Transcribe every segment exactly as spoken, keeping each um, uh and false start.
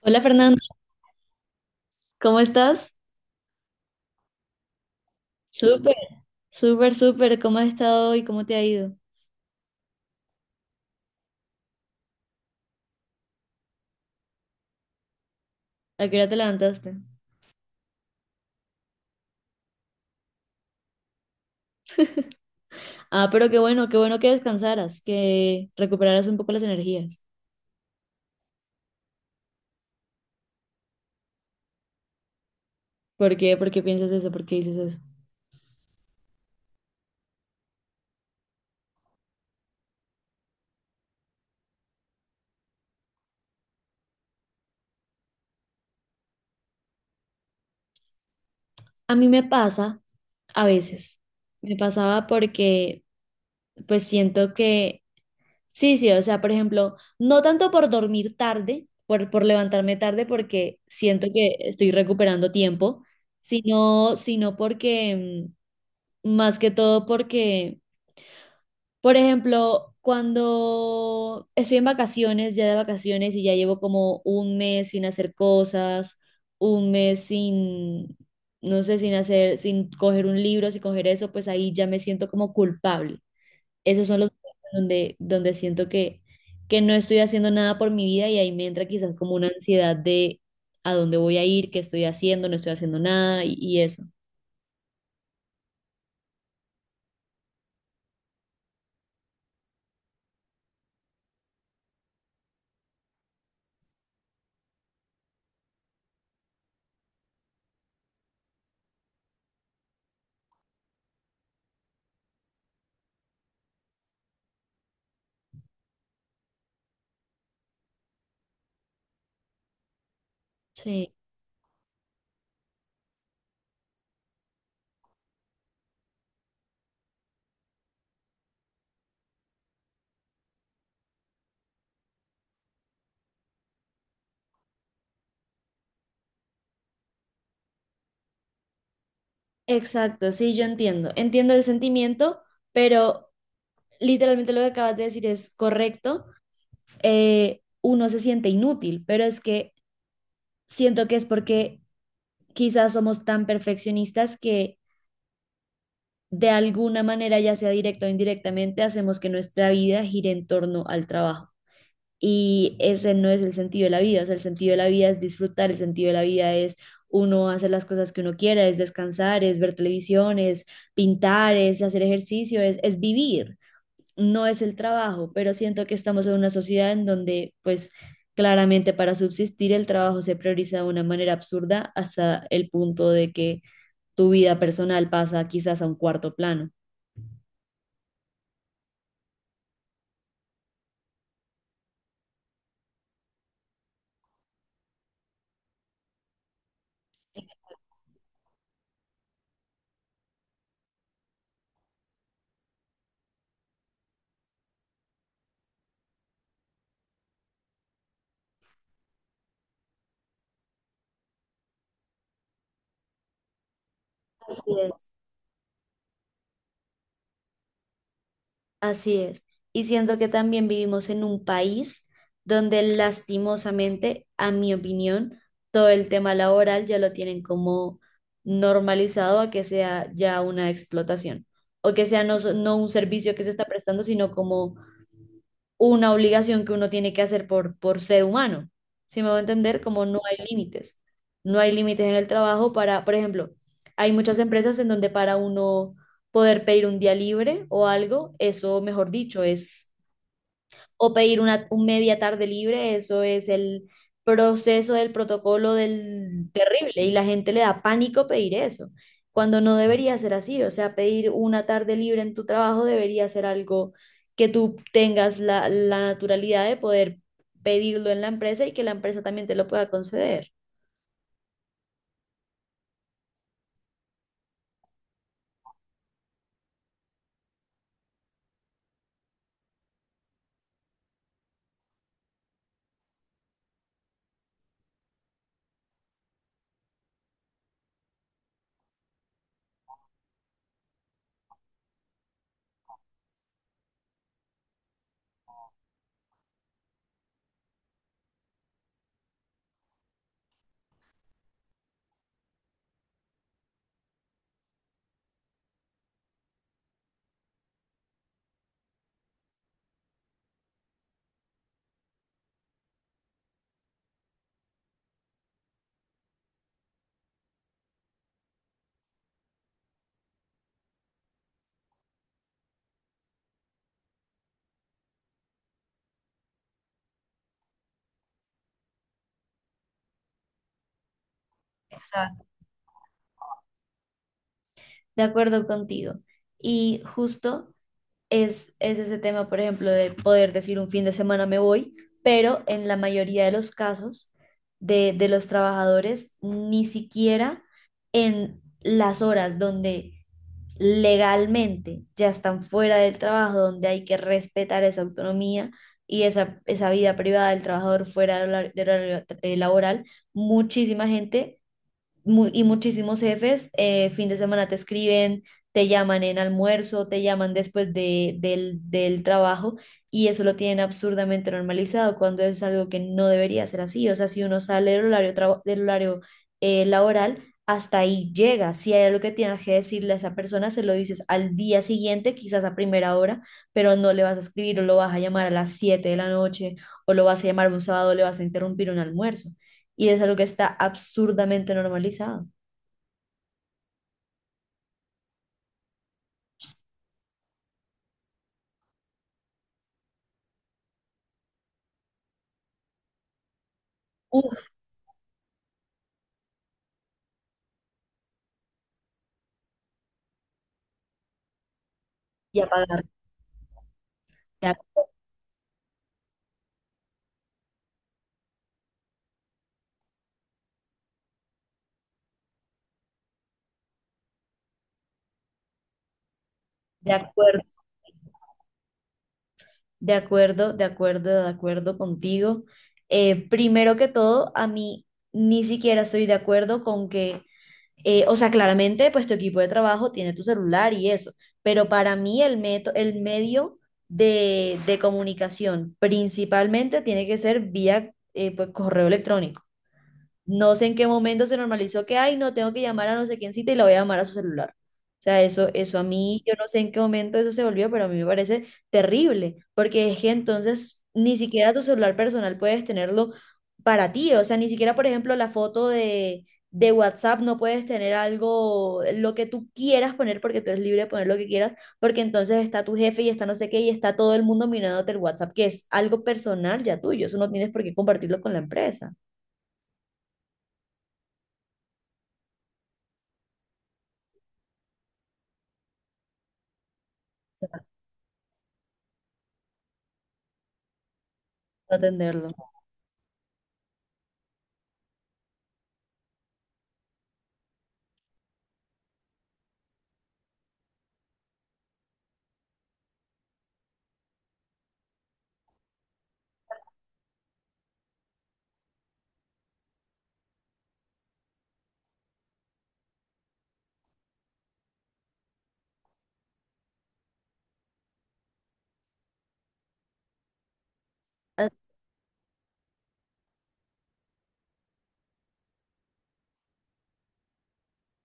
Hola Fernando, ¿cómo estás? Súper, súper, súper. ¿Cómo has estado hoy? ¿Cómo te ha ido? ¿A qué hora te levantaste? Ah, pero qué bueno, qué bueno que descansaras, que recuperaras un poco las energías. ¿Por qué? ¿Por qué piensas eso? ¿Por qué dices eso? A mí me pasa a veces. Me pasaba porque pues siento que, sí, sí, o sea, por ejemplo, no tanto por dormir tarde, por, por levantarme tarde porque siento que estoy recuperando tiempo, sino, sino porque mm, más que todo porque, por ejemplo, cuando estoy en vacaciones, ya de vacaciones y ya llevo como un mes sin hacer cosas, un mes sin, no sé, sin hacer, sin coger un libro, sin coger eso, pues ahí ya me siento como culpable. Esos son los momentos donde, donde siento que, que no estoy haciendo nada por mi vida y ahí me entra quizás como una ansiedad de a dónde voy a ir, qué estoy haciendo, no estoy haciendo nada y, y eso. Sí. Exacto, sí, yo entiendo. Entiendo el sentimiento, pero literalmente lo que acabas de decir es correcto. Eh, uno se siente inútil, pero es que siento que es porque quizás somos tan perfeccionistas que de alguna manera, ya sea directa o indirectamente, hacemos que nuestra vida gire en torno al trabajo. Y ese no es el sentido de la vida, o sea, el sentido de la vida es disfrutar, el sentido de la vida es uno hacer las cosas que uno quiera, es descansar, es ver televisión, es pintar, es hacer ejercicio, es, es vivir, no es el trabajo, pero siento que estamos en una sociedad en donde pues claramente para subsistir el trabajo se prioriza de una manera absurda hasta el punto de que tu vida personal pasa quizás a un cuarto plano. Así es. Así es. Y siento que también vivimos en un país donde lastimosamente, a mi opinión, todo el tema laboral ya lo tienen como normalizado a que sea ya una explotación o que sea no, so- no un servicio que se está prestando, sino como una obligación que uno tiene que hacer por, por ser humano. ¿Si me voy a entender? Como no hay límites. No hay límites en el trabajo para, por ejemplo, hay muchas empresas en donde para uno poder pedir un día libre o algo, eso, mejor dicho, es o pedir una, un media tarde libre, eso es el proceso del protocolo del terrible y la gente le da pánico pedir eso, cuando no debería ser así, o sea, pedir una tarde libre en tu trabajo debería ser algo que tú tengas la, la naturalidad de poder pedirlo en la empresa y que la empresa también te lo pueda conceder. Exacto. De acuerdo contigo. Y justo es, es ese tema, por ejemplo, de poder decir un fin de semana me voy, pero en la mayoría de los casos de, de los trabajadores, ni siquiera en las horas donde legalmente ya están fuera del trabajo, donde hay que respetar esa autonomía y esa, esa vida privada del trabajador fuera del horario- del horario eh, laboral, muchísima gente mu- y muchísimos jefes eh, fin de semana te escriben, te llaman en almuerzo, te llaman después de, del, del trabajo y eso lo tienen absurdamente normalizado cuando es algo que no debería ser así. O sea, si uno sale del horario, traba- del horario eh, laboral, hasta ahí llega. Si hay algo que tienes que decirle a esa persona, se lo dices al día siguiente, quizás a primera hora, pero no le vas a escribir o lo vas a llamar a las siete de la noche o lo vas a llamar un sábado, le vas a interrumpir un almuerzo y es algo que está absurdamente normalizado. Uf. Y apagar. De acu- de acuerdo, de acuerdo, de acuerdo, de acuerdo contigo. Eh, primero que todo, a mí ni siquiera estoy de acuerdo con que, eh, o sea, claramente, pues tu equipo de trabajo tiene tu celular y eso, pero para mí el meto- el medio de, de comunicación principalmente tiene que ser vía, eh, pues, correo electrónico. No sé en qué momento se normalizó que, ay, no, tengo que llamar a no sé quién cita y la voy a llamar a su celular. O sea, eso, eso a mí, yo no sé en qué momento eso se volvió, pero a mí me parece terrible, porque es que entonces ni siquiera tu celular personal puedes tenerlo para ti. O sea, ni siquiera, por ejemplo, la foto de, de WhatsApp no puedes tener algo, lo que tú quieras poner, porque tú eres libre de poner lo que quieras, porque entonces está tu jefe y está no sé qué y está todo el mundo mirándote el WhatsApp, que es algo personal ya tuyo. Eso no tienes por qué compartirlo con la empresa. No atenderlo.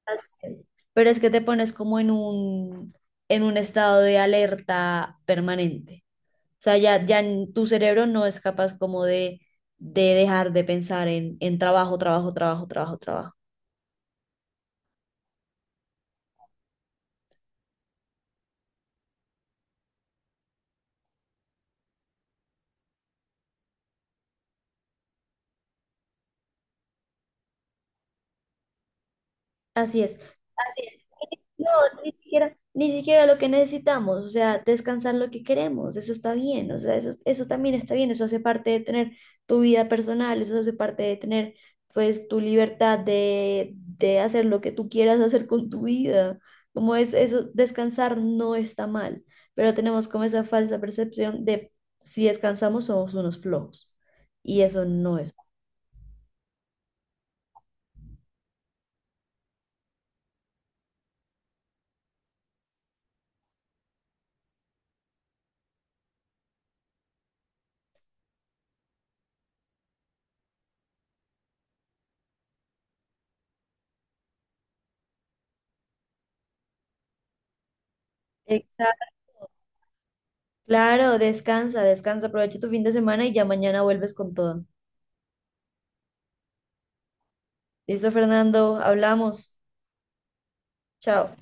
Así es. Pero es que te pones como en un, en un estado de alerta permanente. O sea, ya, ya n- tu cerebro no es capaz como de, de dejar de pensar en, en trabajo, trabajo, trabajo, trabajo, trabajo. Así es, así es. No, ni siquiera, ni siquiera lo que necesitamos, o sea, descansar lo que queremos, eso está bien, o sea, eso, eso también está bien, eso hace parte de tener tu vida personal, eso hace parte de tener, pues, tu libertad de, de hacer lo que tú quieras hacer con tu vida. Como es eso, descansar no está mal, pero tenemos como esa falsa percepción de si descansamos somos unos flojos, y eso no es. Claro, descansa, descansa, aprovecha tu fin de semana y ya mañana vuelves con todo. Listo, Fernando, hablamos. Chao.